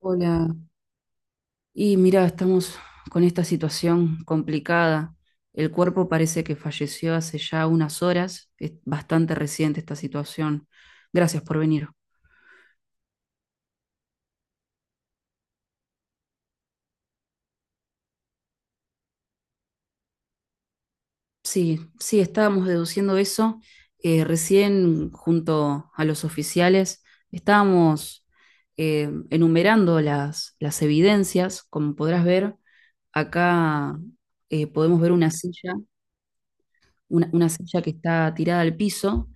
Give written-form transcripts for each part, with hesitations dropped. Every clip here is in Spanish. Hola, y mira, estamos con esta situación complicada. El cuerpo parece que falleció hace ya unas horas. Es bastante reciente esta situación. Gracias por venir. Sí, sí, estábamos deduciendo eso. Recién, junto a los oficiales, estábamos enumerando las evidencias. Como podrás ver, acá podemos ver una silla. Una silla que está tirada al piso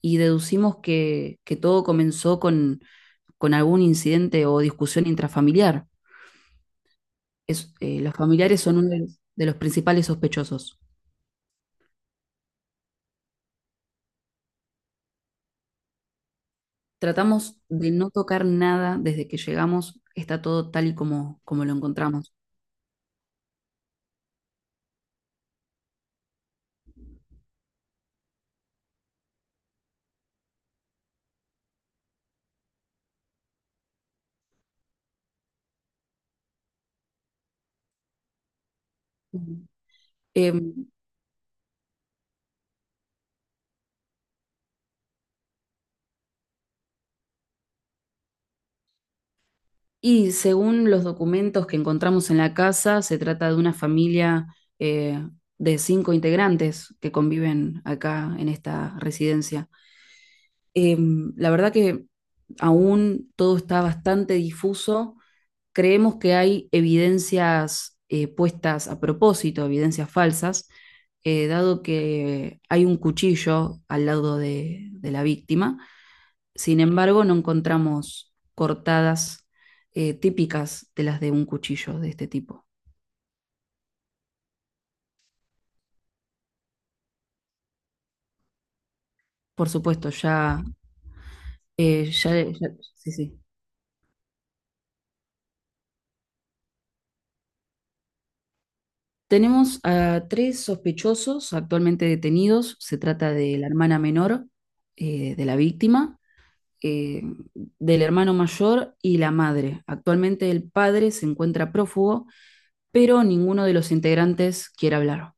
y deducimos que todo comenzó con algún incidente o discusión intrafamiliar. Los familiares son uno de los principales sospechosos. Tratamos de no tocar nada desde que llegamos, está todo tal y como, como lo encontramos. Ujú. Em, y según los documentos que encontramos en la casa, se trata de una familia eh, de cinco integrantes que conviven acá en esta residencia. La verdad que aún todo está bastante difuso. Creemos que hay evidencias puestas a propósito, evidencias falsas, dado que hay un cuchillo al lado de la víctima. Sin embargo, no encontramos cortadas típicas de las de un cuchillo de este tipo. Por supuesto, ya, eh, ya, ya- sí, sí. Tenemos a tres sospechosos actualmente detenidos. Se trata de la hermana menor de la víctima, eh, del hermano mayor y la madre. Actualmente el padre se encuentra prófugo, pero ninguno de los integrantes quiere hablar.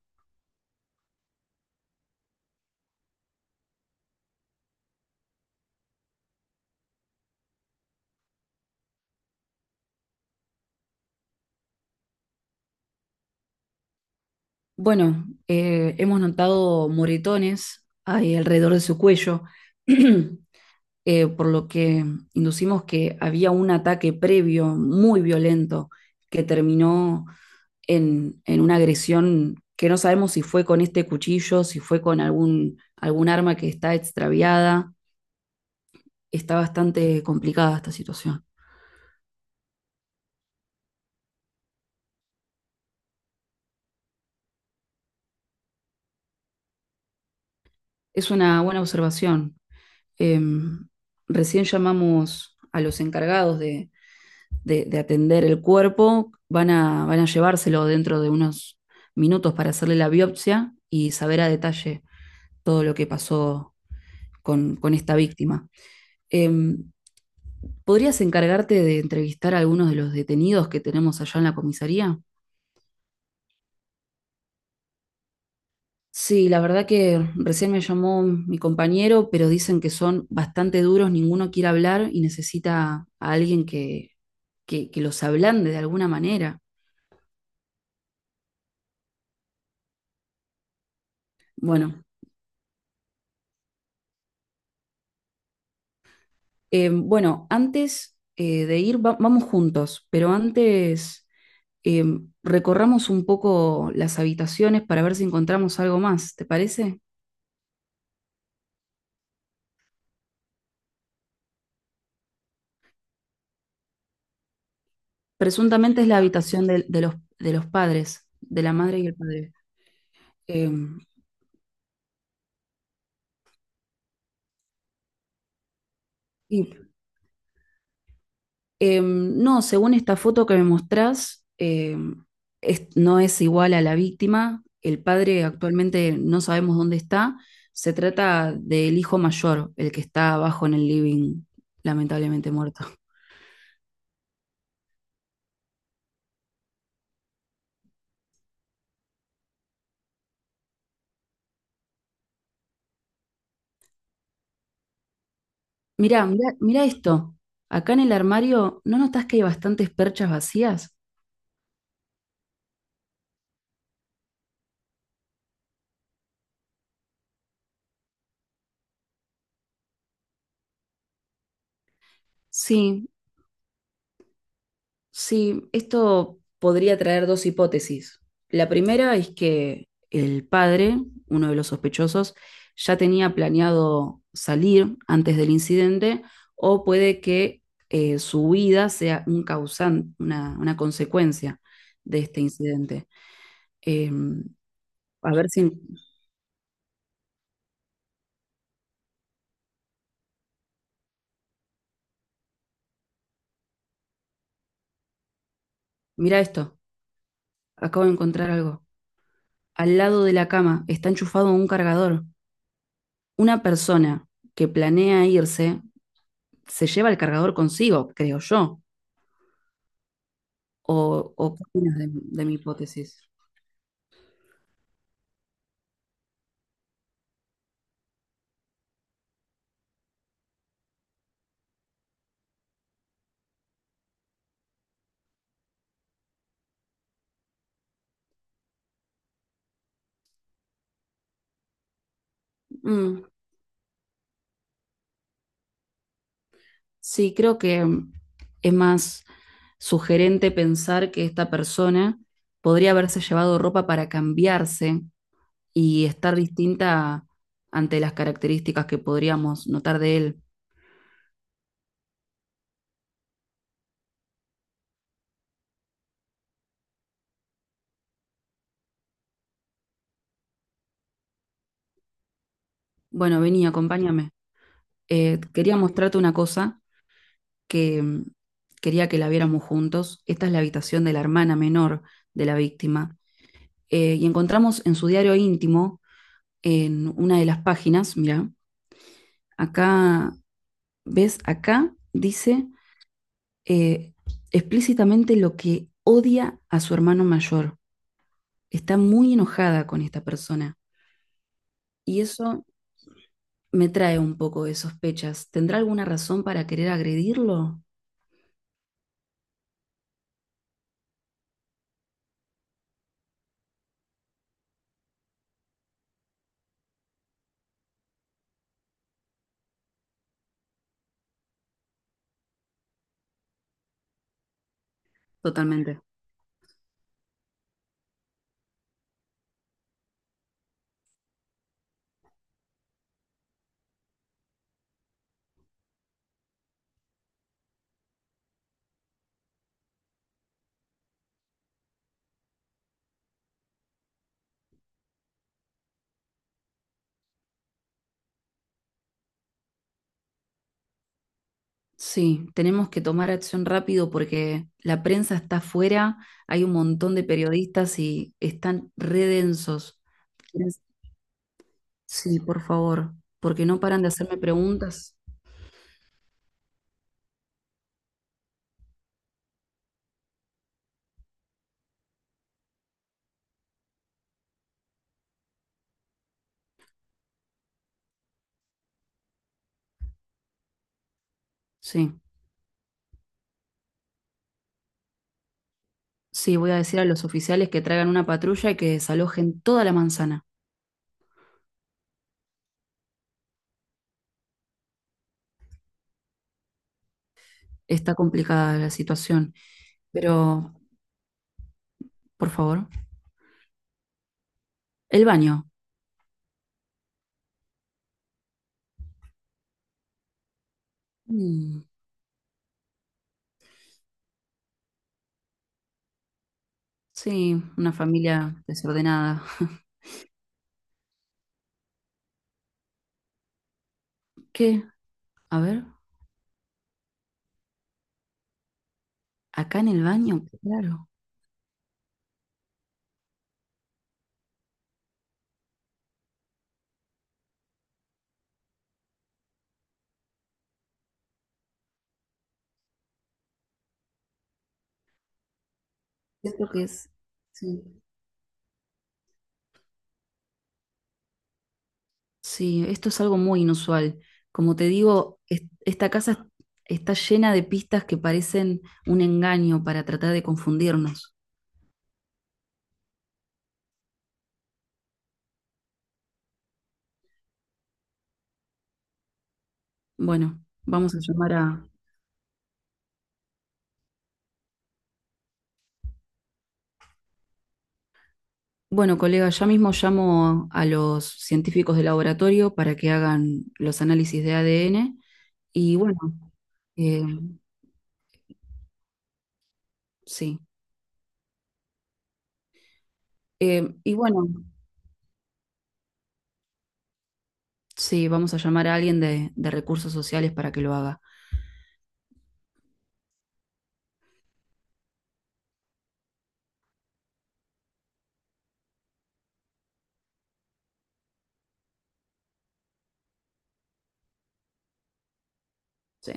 Bueno, hemos notado moretones ahí alrededor de su cuello, por lo que inducimos que había un ataque previo muy violento que terminó en una agresión que no sabemos si fue con este cuchillo, si fue con algún arma que está extraviada. Está bastante complicada esta situación. Es una buena observación. Eh, Recién llamamos a los encargados de atender el cuerpo. Van a llevárselo dentro de unos minutos para hacerle la biopsia y saber a detalle todo lo que pasó con esta víctima. Eh, ¿Podrías encargarte de entrevistar a algunos de los detenidos que tenemos allá en la comisaría? Sí, la verdad que recién me llamó mi compañero, pero dicen que son bastante duros, ninguno quiere hablar y necesita a alguien que los ablande de alguna manera. Bueno, bueno, antes de ir, vamos juntos, pero antes eh, recorramos un poco las habitaciones para ver si encontramos algo más, ¿te parece? Presuntamente es la habitación de los padres, de la madre y el padre. Eh, y, no, según esta foto que me mostrás, no es igual a la víctima. El padre actualmente no sabemos dónde está. Se trata del hijo mayor, el que está abajo en el living, lamentablemente muerto. Mirá, mirá esto. Acá en el armario, ¿no notas que hay bastantes perchas vacías? Sí, sí, esto podría traer dos hipótesis. La primera es que el padre, uno de los sospechosos, ya tenía planeado salir antes del incidente o puede que su huida sea un causante, una consecuencia de este incidente. Eh, a ver si... Mira esto, acabo de encontrar algo. Al lado de la cama está enchufado un cargador. Una persona que planea irse se lleva el cargador consigo, creo yo. ¿ O qué opinas de mi hipótesis? Mm, sí, creo que mm, es más sugerente pensar que esta persona podría haberse llevado ropa para cambiarse y estar distinta ante las características que podríamos notar de él. Bueno, vení, acompáñame. Quería mostrarte una cosa que mm, quería que la viéramos juntos. Esta es la habitación de la hermana menor de la víctima. Y encontramos en su diario íntimo, en una de las páginas, mira. Acá, ¿ves? Acá dice eh, explícitamente lo que odia a su hermano mayor. Está muy enojada con esta persona. Y eso me trae un poco de sospechas. ¿Tendrá alguna razón para querer agredirlo? Totalmente. Sí, tenemos que tomar acción rápido porque la prensa está afuera, hay un montón de periodistas y están redensos. Sí, por favor, porque no paran de hacerme preguntas. Sí. Sí, voy a decir a los oficiales que traigan una patrulla y que desalojen toda la manzana. Está complicada la situación, pero por favor, el baño. Mm, sí, una familia desordenada. ¿Qué? A ver, acá en el baño, claro. Siento que es. Sí. Sí, esto es algo muy inusual. Como te digo, esta casa está llena de pistas que parecen un engaño para tratar de confundirnos. Bueno, vamos a llamar a... Bueno, colega, ya mismo llamo a los científicos de laboratorio para que hagan los análisis de ADN. Y bueno, eh, sí. Y bueno, sí, vamos a llamar a alguien de recursos sociales para que lo haga. Sí,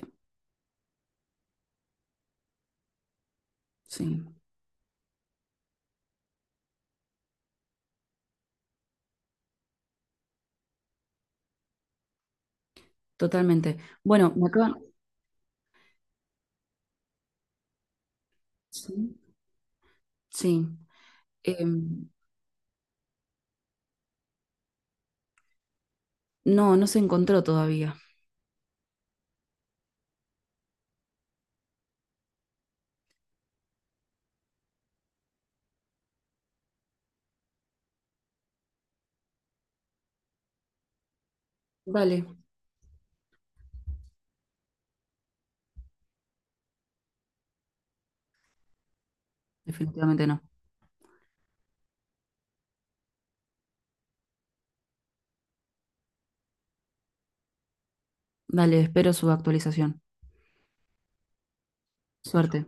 sí, totalmente. Bueno, me acaban. Sí, sí. Eh, no, no se encontró todavía. Dale, definitivamente no. Dale, espero su actualización. Suerte.